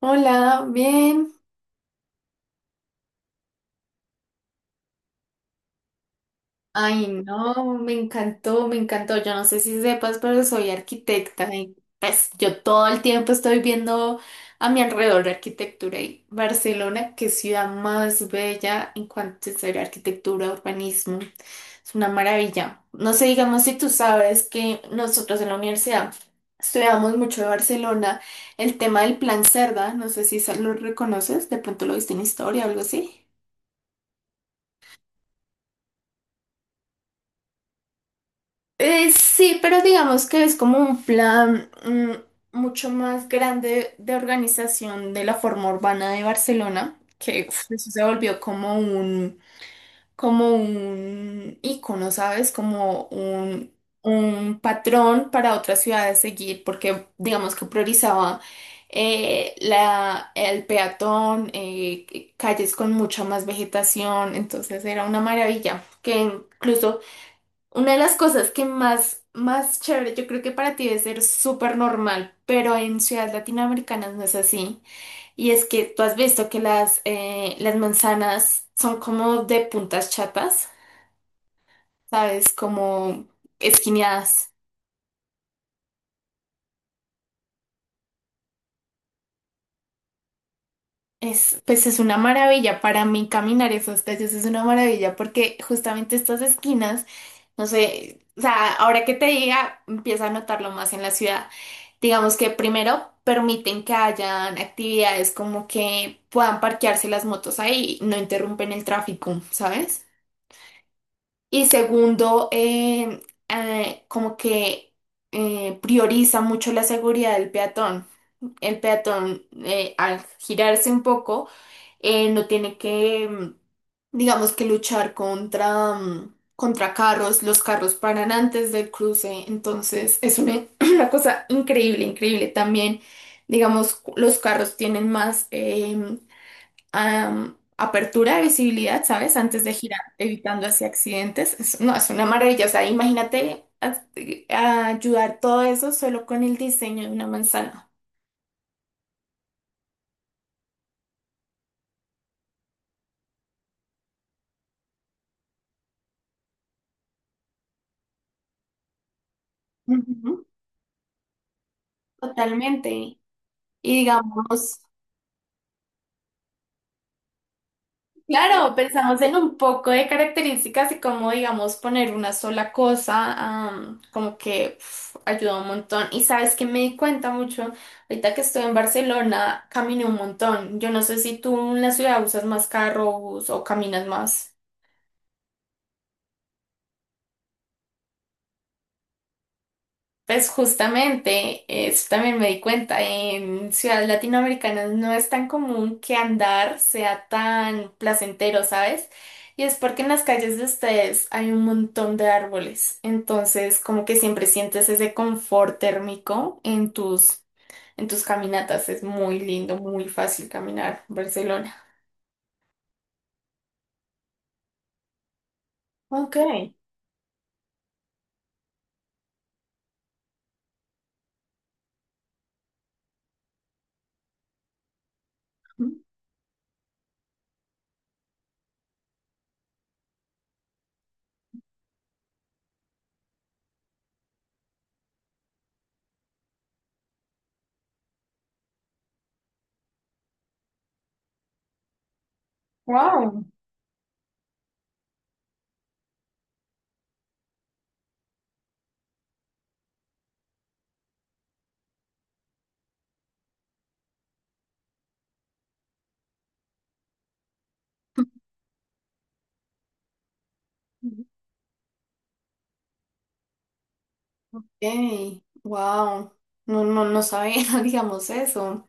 Hola, bien. Ay, no, me encantó, me encantó. Yo no sé si sepas, pero soy arquitecta y pues yo todo el tiempo estoy viendo a mi alrededor arquitectura y Barcelona, qué ciudad más bella en cuanto a ser arquitectura, urbanismo. Es una maravilla. No sé, digamos si tú sabes que nosotros en la universidad estudiamos mucho de Barcelona, el tema del Plan Cerda, no sé si lo reconoces, de pronto lo viste en historia o algo así. Sí, pero digamos que es como un plan mucho más grande de organización de la forma urbana de Barcelona, que uf, eso se volvió como como un ícono, ¿sabes? Como un patrón para otras ciudades seguir, porque digamos que priorizaba el peatón, calles con mucha más vegetación, entonces era una maravilla, que incluso... Una de las cosas que más, más chévere, yo creo que para ti debe ser súper normal, pero en ciudades latinoamericanas no es así. Y es que tú has visto que las manzanas son como de puntas chatas, ¿sabes? Como esquineadas. Es, pues es una maravilla para mí caminar esas calles, es una maravilla porque justamente estas esquinas, no sé, o sea, ahora que te diga, empieza a notarlo más en la ciudad. Digamos que primero permiten que hayan actividades como que puedan parquearse las motos ahí, no interrumpen el tráfico, ¿sabes? Y segundo, como que prioriza mucho la seguridad del peatón, el peatón al girarse un poco, no tiene que digamos que luchar contra carros, los carros paran antes del cruce, entonces es una, una cosa increíble, increíble también, digamos, los carros tienen más apertura de visibilidad, ¿sabes? Antes de girar, evitando así accidentes. Es- no, es una maravilla, o sea, imagínate a ayudar todo eso solo con el diseño de una manzana. Ujú. Totalmente. Y digamos, claro, pensamos en un poco de características y cómo, digamos, poner una sola cosa, como que uf, ayuda un montón. Y sabes que me di cuenta mucho, ahorita que estoy en Barcelona, caminé un montón. Yo no sé si tú en la ciudad usas más carro bus, o caminas más. Pues justamente, eso también me di cuenta, en ciudades latinoamericanas no es tan común que andar sea tan placentero, ¿sabes? Y es porque en las calles de ustedes hay un montón de árboles, entonces como que siempre sientes ese confort térmico en tus caminatas, es muy lindo, muy fácil caminar Barcelona. Ok. Wow. Ok, wow. No, no, no sabía, digamos eso.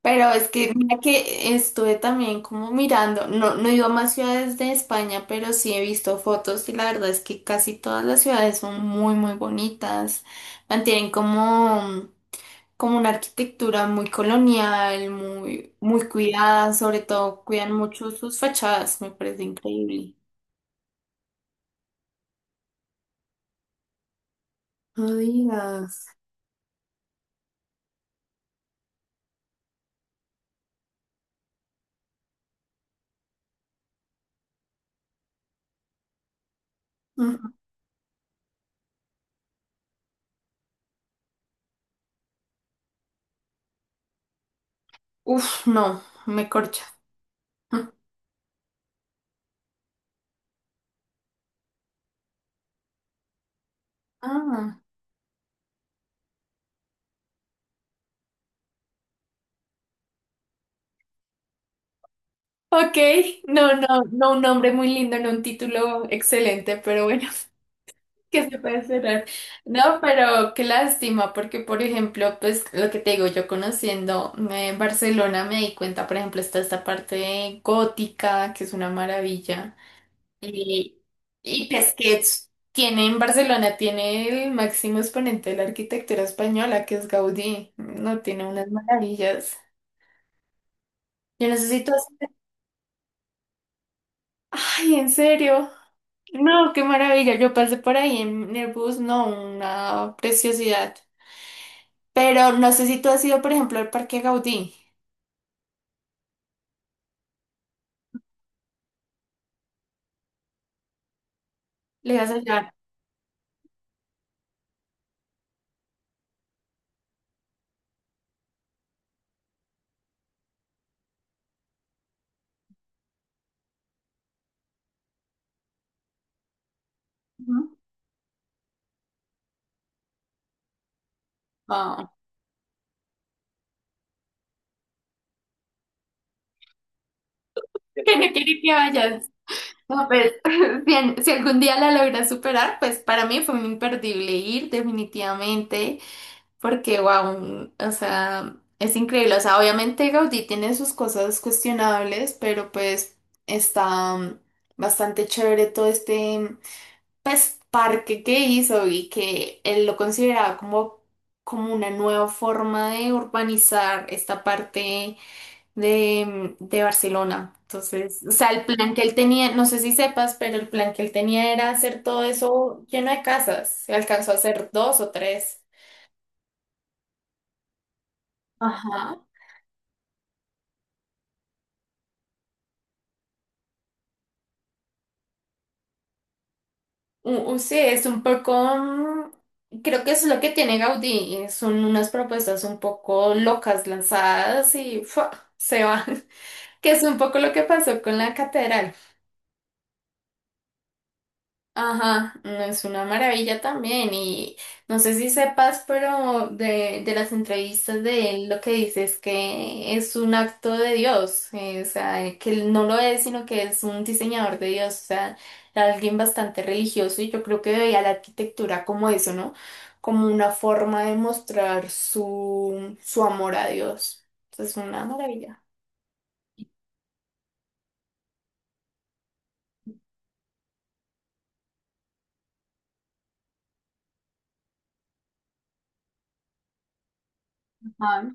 Pero es que mira que estuve también como mirando, no, no he ido a más ciudades de España, pero sí he visto fotos y la verdad es que casi todas las ciudades son muy, muy bonitas. Mantienen como, como una arquitectura muy colonial, muy, muy cuidada, sobre todo cuidan mucho sus fachadas, me parece increíble. No digas. Ujú. Uf, no, me corcha. Ah, ok, no, no, no un nombre muy lindo, no un título excelente, pero bueno. Que se puede cerrar. No, pero qué lástima, porque por ejemplo, pues lo que te digo, yo conociendo Barcelona me di cuenta, por ejemplo, está esta parte gótica, que es una maravilla. Y, pues que tiene en Barcelona, tiene el máximo exponente de la arquitectura española, que es Gaudí. No, tiene unas maravillas. Yo necesito... así. Ay, en serio. No, qué maravilla. Yo pasé por ahí en el bus, no, una preciosidad. Pero no sé si tú has ido, por ejemplo, al Parque Gaudí. ¿Le vas a llevar? Ujú. Ah, que no quiere que vayas. No, pues, bien, si algún día la logras superar, pues para mí fue un imperdible ir, definitivamente, porque, wow, o sea, es increíble. O sea, obviamente Gaudí tiene sus cosas cuestionables, pero pues está bastante chévere todo este, pues, parque que hizo y que él lo consideraba como, como una nueva forma de urbanizar esta parte de Barcelona. Entonces, o sea, el plan que él tenía, no sé si sepas, pero el plan que él tenía era hacer todo eso lleno de casas. Se alcanzó a hacer dos o tres. Ajá. Sí, es un poco... creo que eso es lo que tiene Gaudí. Son unas propuestas un poco locas lanzadas y ¡fua! Se va. Que es un poco lo que pasó con la catedral. Ajá, no es una maravilla también. Y no sé si sepas, pero de las entrevistas de él lo que dice es que es un acto de Dios. O sea, que él no lo es, sino que es un diseñador de Dios. O sea, alguien bastante religioso. Y yo creo que veía la arquitectura como eso, ¿no? Como una forma de mostrar su amor a Dios. Entonces, es una maravilla. Ajá,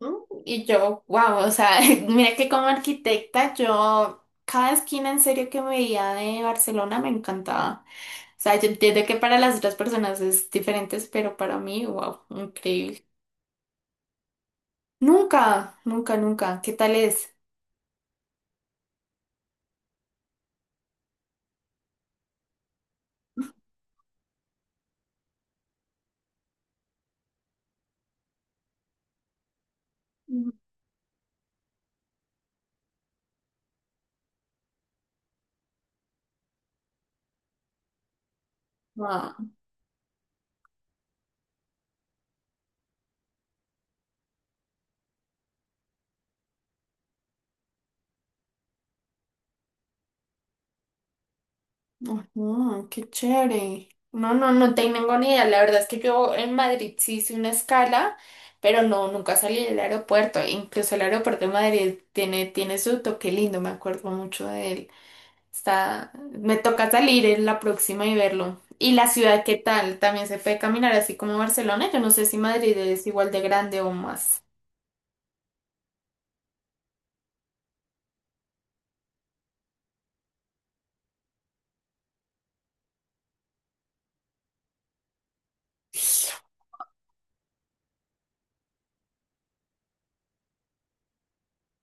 ¿no? Y yo, wow, o sea, mira que como arquitecta, yo cada esquina en serio que veía de Barcelona me encantaba. O sea, yo entiendo que para las otras personas es diferente, pero para mí, wow, increíble. Nunca, nunca, nunca. ¿Qué tal es? Mm. Wow. Ujú, qué chévere. No, no, no tengo ni idea. La verdad es que yo en Madrid sí hice una escala, pero no, nunca salí del aeropuerto. Incluso el aeropuerto de Madrid tiene, tiene su toque lindo, me acuerdo mucho de él. Está, me toca salir en la próxima y verlo. ¿Y la ciudad qué tal? ¿También se puede caminar así como Barcelona? Yo no sé si Madrid es igual de grande o más.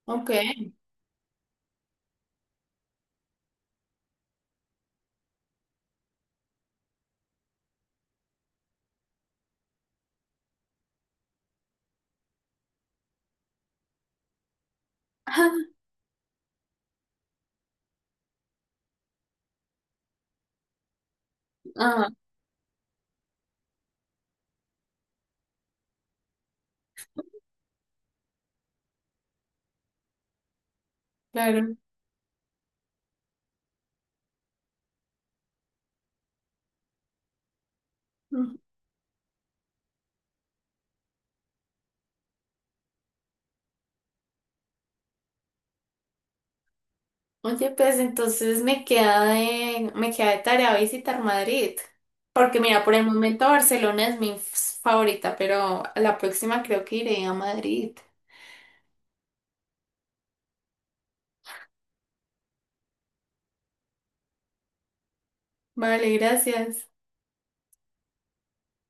Ok. Ah, ah, claro. Mm. Oye, pues entonces me queda de tarea visitar Madrid. Porque mira, por el momento Barcelona es mi favorita, pero a la próxima creo que iré a Madrid. Vale, gracias.